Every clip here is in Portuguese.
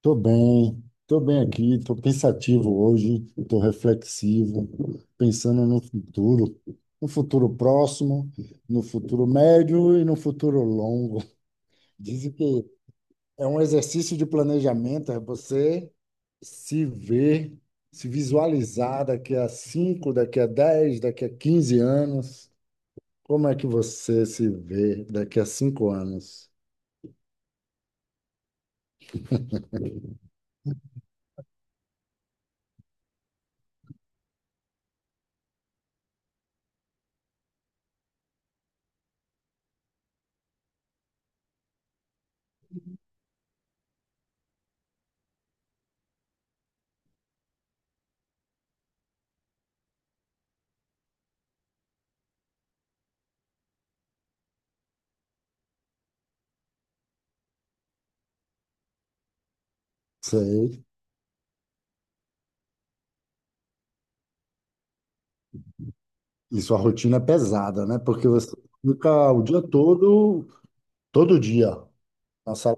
Tô bem, tô bem aqui, tô pensativo hoje, tô reflexivo, pensando no futuro, no futuro próximo, no futuro médio e no futuro longo. Dizem que é um exercício de planejamento, é você se ver, se visualizar daqui a 5, daqui a 10, daqui a 15 anos. Como é que você se vê daqui a 5 anos? Sei. E sua rotina é pesada, né? Porque você fica o dia todo, todo dia na sala.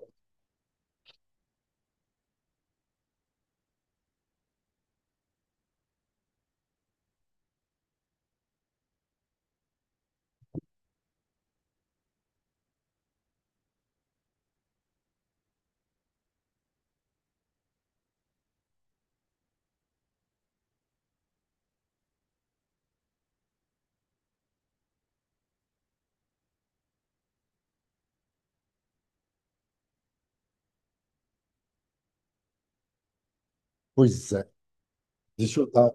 Pois é, deixa eu dar,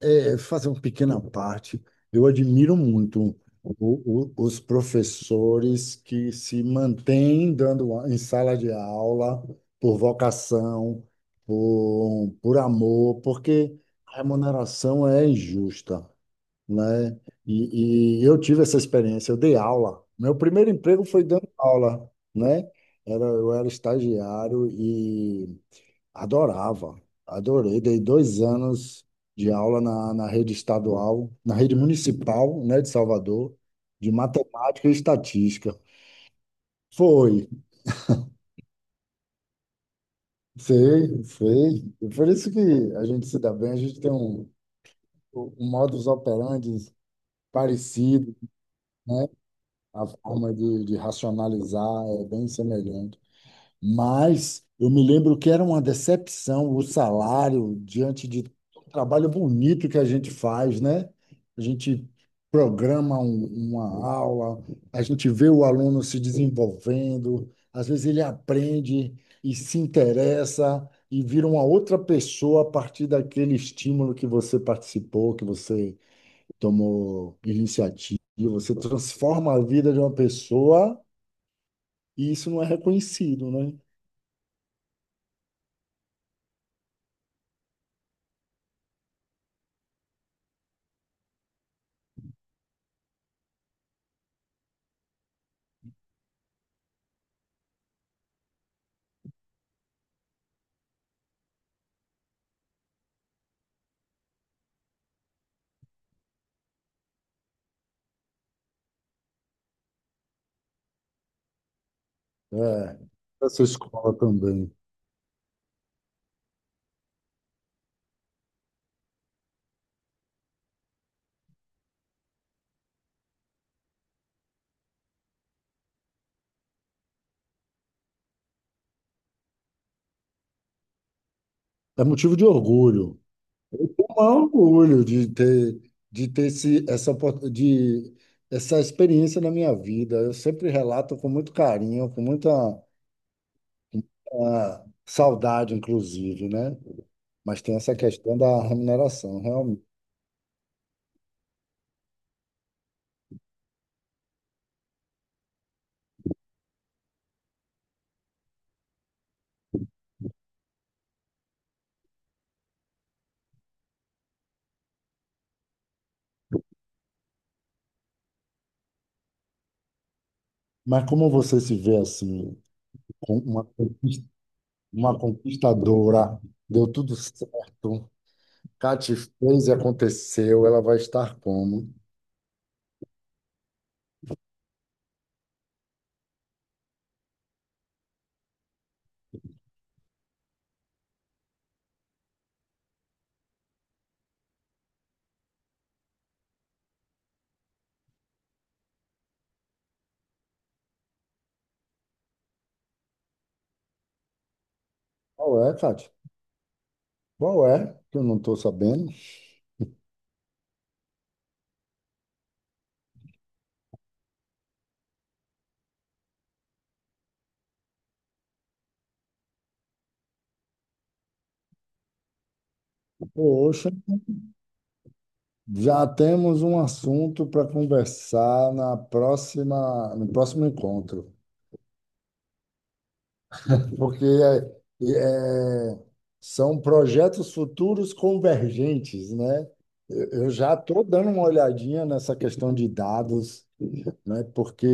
fazer uma pequena parte. Eu admiro muito os professores que se mantêm dando em sala de aula por vocação, por amor, porque a remuneração é injusta, né? E eu tive essa experiência, eu dei aula. Meu primeiro emprego foi dando aula, né? Era, eu era estagiário e adorava, adorei. Dei dois anos de aula na rede estadual, na rede municipal, né, de Salvador, de matemática e estatística. Foi, sei, sei. E por isso que a gente se dá bem, a gente tem um, um modus operandi parecido. A forma de racionalizar é bem semelhante. Mas eu me lembro que era uma decepção o salário diante de todo o trabalho bonito que a gente faz, né? A gente programa uma aula, a gente vê o aluno se desenvolvendo, às vezes ele aprende e se interessa e vira uma outra pessoa a partir daquele estímulo que você participou, que você tomou iniciativa, você transforma a vida de uma pessoa e isso não é reconhecido, né? É, essa escola também. É motivo de orgulho. Um maior orgulho de ter esse, essa, opor- de, essa experiência na minha vida. Eu sempre relato com muito carinho, com muita, ah, saudade, inclusive, né? Mas tem essa questão da remuneração, realmente. Mas como você se vê assim, com uma conquistadora, deu tudo certo. Kate fez e aconteceu, ela vai estar como? Qual é, Kate? Qual é? Que eu não estou sabendo. Poxa, já temos um assunto para conversar na próxima, no próximo encontro, porque são projetos futuros convergentes, né? Eu já estou dando uma olhadinha nessa questão de dados, né? Porque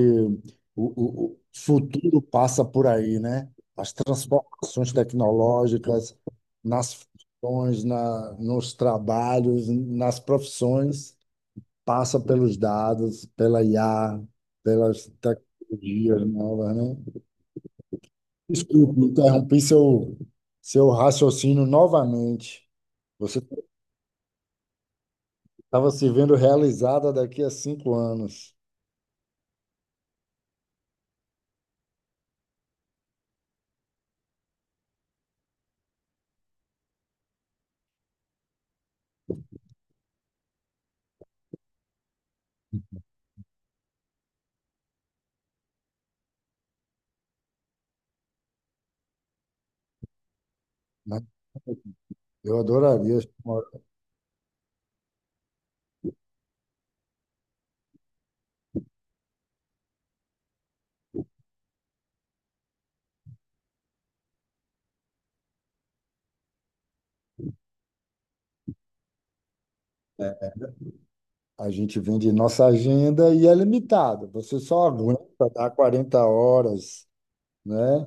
o futuro passa por aí, né? As transformações tecnológicas nas funções, nos trabalhos, nas profissões, passa pelos dados, pela IA, pelas tecnologias novas, né? Desculpe, interrompi seu, seu raciocínio novamente. Você estava se vendo realizada daqui a cinco anos, né? Eu adoraria. A gente vende nossa agenda e é limitado. Você só aguenta dar 40 horas, né?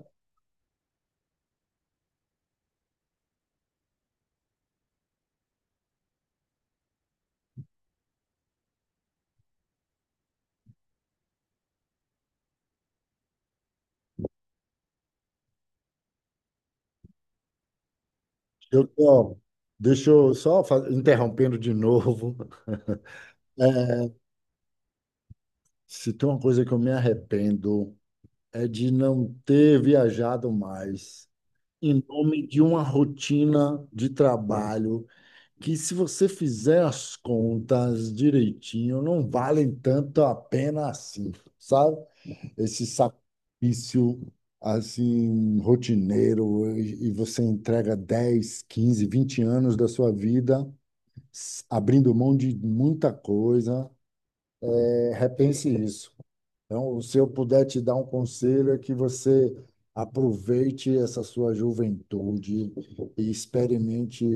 Eu, ó, deixa eu só interrompendo de novo. É, Se tem uma coisa que eu me arrependo é de não ter viajado mais, em nome de uma rotina de trabalho que, se você fizer as contas direitinho, não valem tanto a pena assim, sabe? Esse sacrifício assim rotineiro e você entrega 10, 15, 20 anos da sua vida abrindo mão de muita coisa. É, repense isso. Então, se eu puder te dar um conselho é que você aproveite essa sua juventude e experimente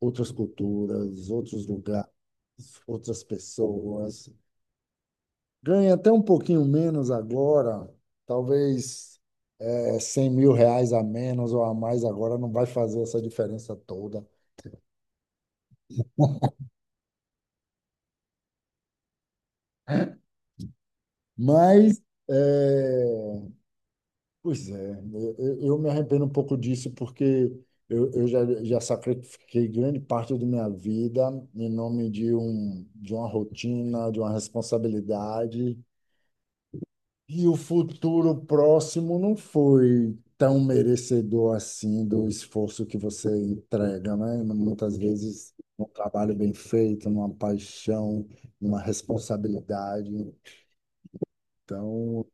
outras culturas, outros lugares, outras pessoas. Ganhe até um pouquinho menos agora, talvez. É 100 mil reais a menos ou a mais agora não vai fazer essa diferença toda. Mas, é, pois é, eu me arrependo um pouco disso porque já sacrifiquei grande parte da minha vida em nome de uma rotina, de uma responsabilidade. E o futuro próximo não foi tão merecedor assim do esforço que você entrega, né? Muitas vezes um trabalho bem feito, numa paixão, numa responsabilidade. Então,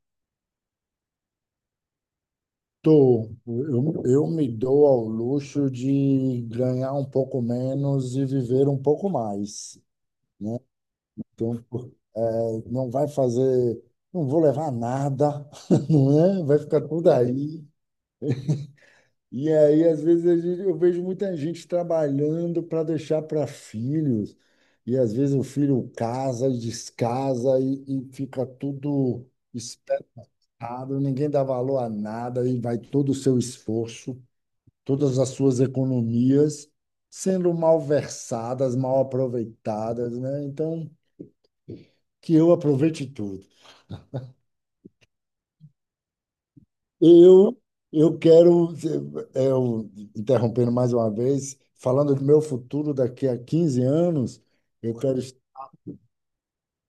tô, eu me dou ao luxo de ganhar um pouco menos e viver um pouco mais, né? Então, não vai fazer, não vou levar nada, não é? Vai ficar tudo aí. E aí, às vezes, eu vejo muita gente trabalhando para deixar para filhos, e às vezes o filho casa e descasa e fica tudo espetado, ninguém dá valor a nada, e vai todo o seu esforço, todas as suas economias sendo malversadas, mal aproveitadas, né? Então, que eu aproveite tudo. Eu, eu quero, é, eu, interrompendo mais uma vez, falando do meu futuro daqui a 15 anos, eu quero estar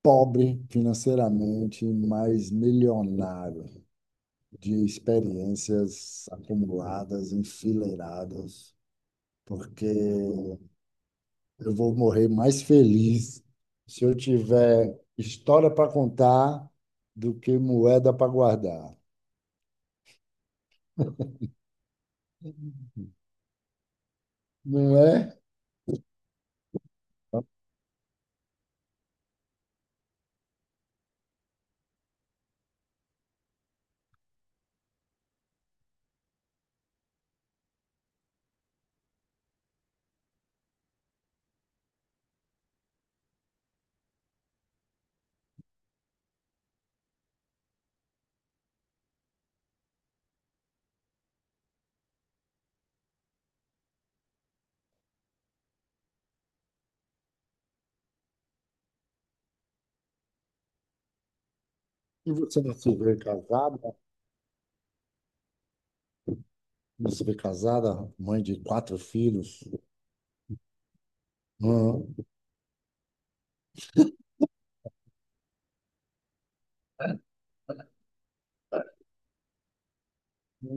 pobre financeiramente, mas milionário de experiências acumuladas, enfileiradas, porque eu vou morrer mais feliz se eu tiver história para contar do que moeda para guardar. Não é? E você não se vê casado? Você foi casada, mãe de quatro filhos. Hum,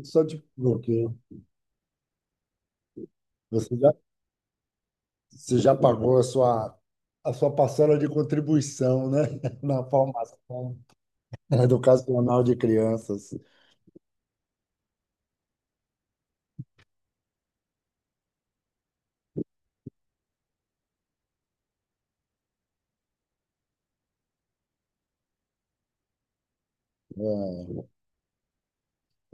Só de bloqueio. Você já, você já pagou a sua parcela de contribuição, né? Na formação educacional de crianças. É,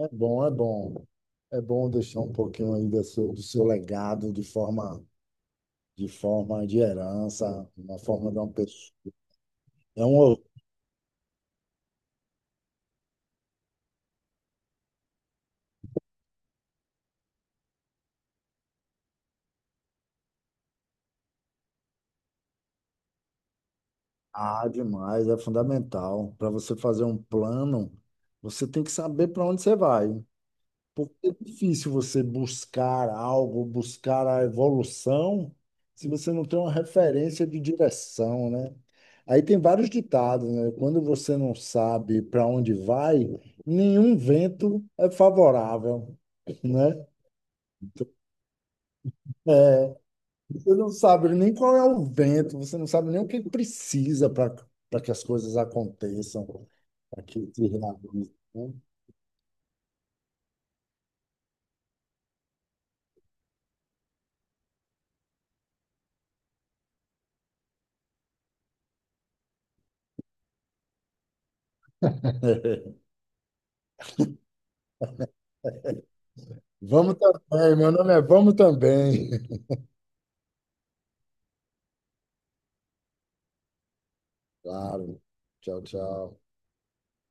é bom, é bom. É bom deixar um pouquinho aí do seu legado de forma, de forma de herança, na forma de uma pessoa. É um ah, demais, é fundamental. Para você fazer um plano, você tem que saber para onde você vai. Porque é difícil você buscar algo, buscar a evolução, se você não tem uma referência de direção, né? Aí tem vários ditados, né? Quando você não sabe para onde vai, nenhum vento é favorável, né? Você não sabe nem qual é o vento, você não sabe nem o que precisa para para que as coisas aconteçam, para que se realizem, né? Vamos também, meu nome é Vamos também. Claro. Tchau, tchau.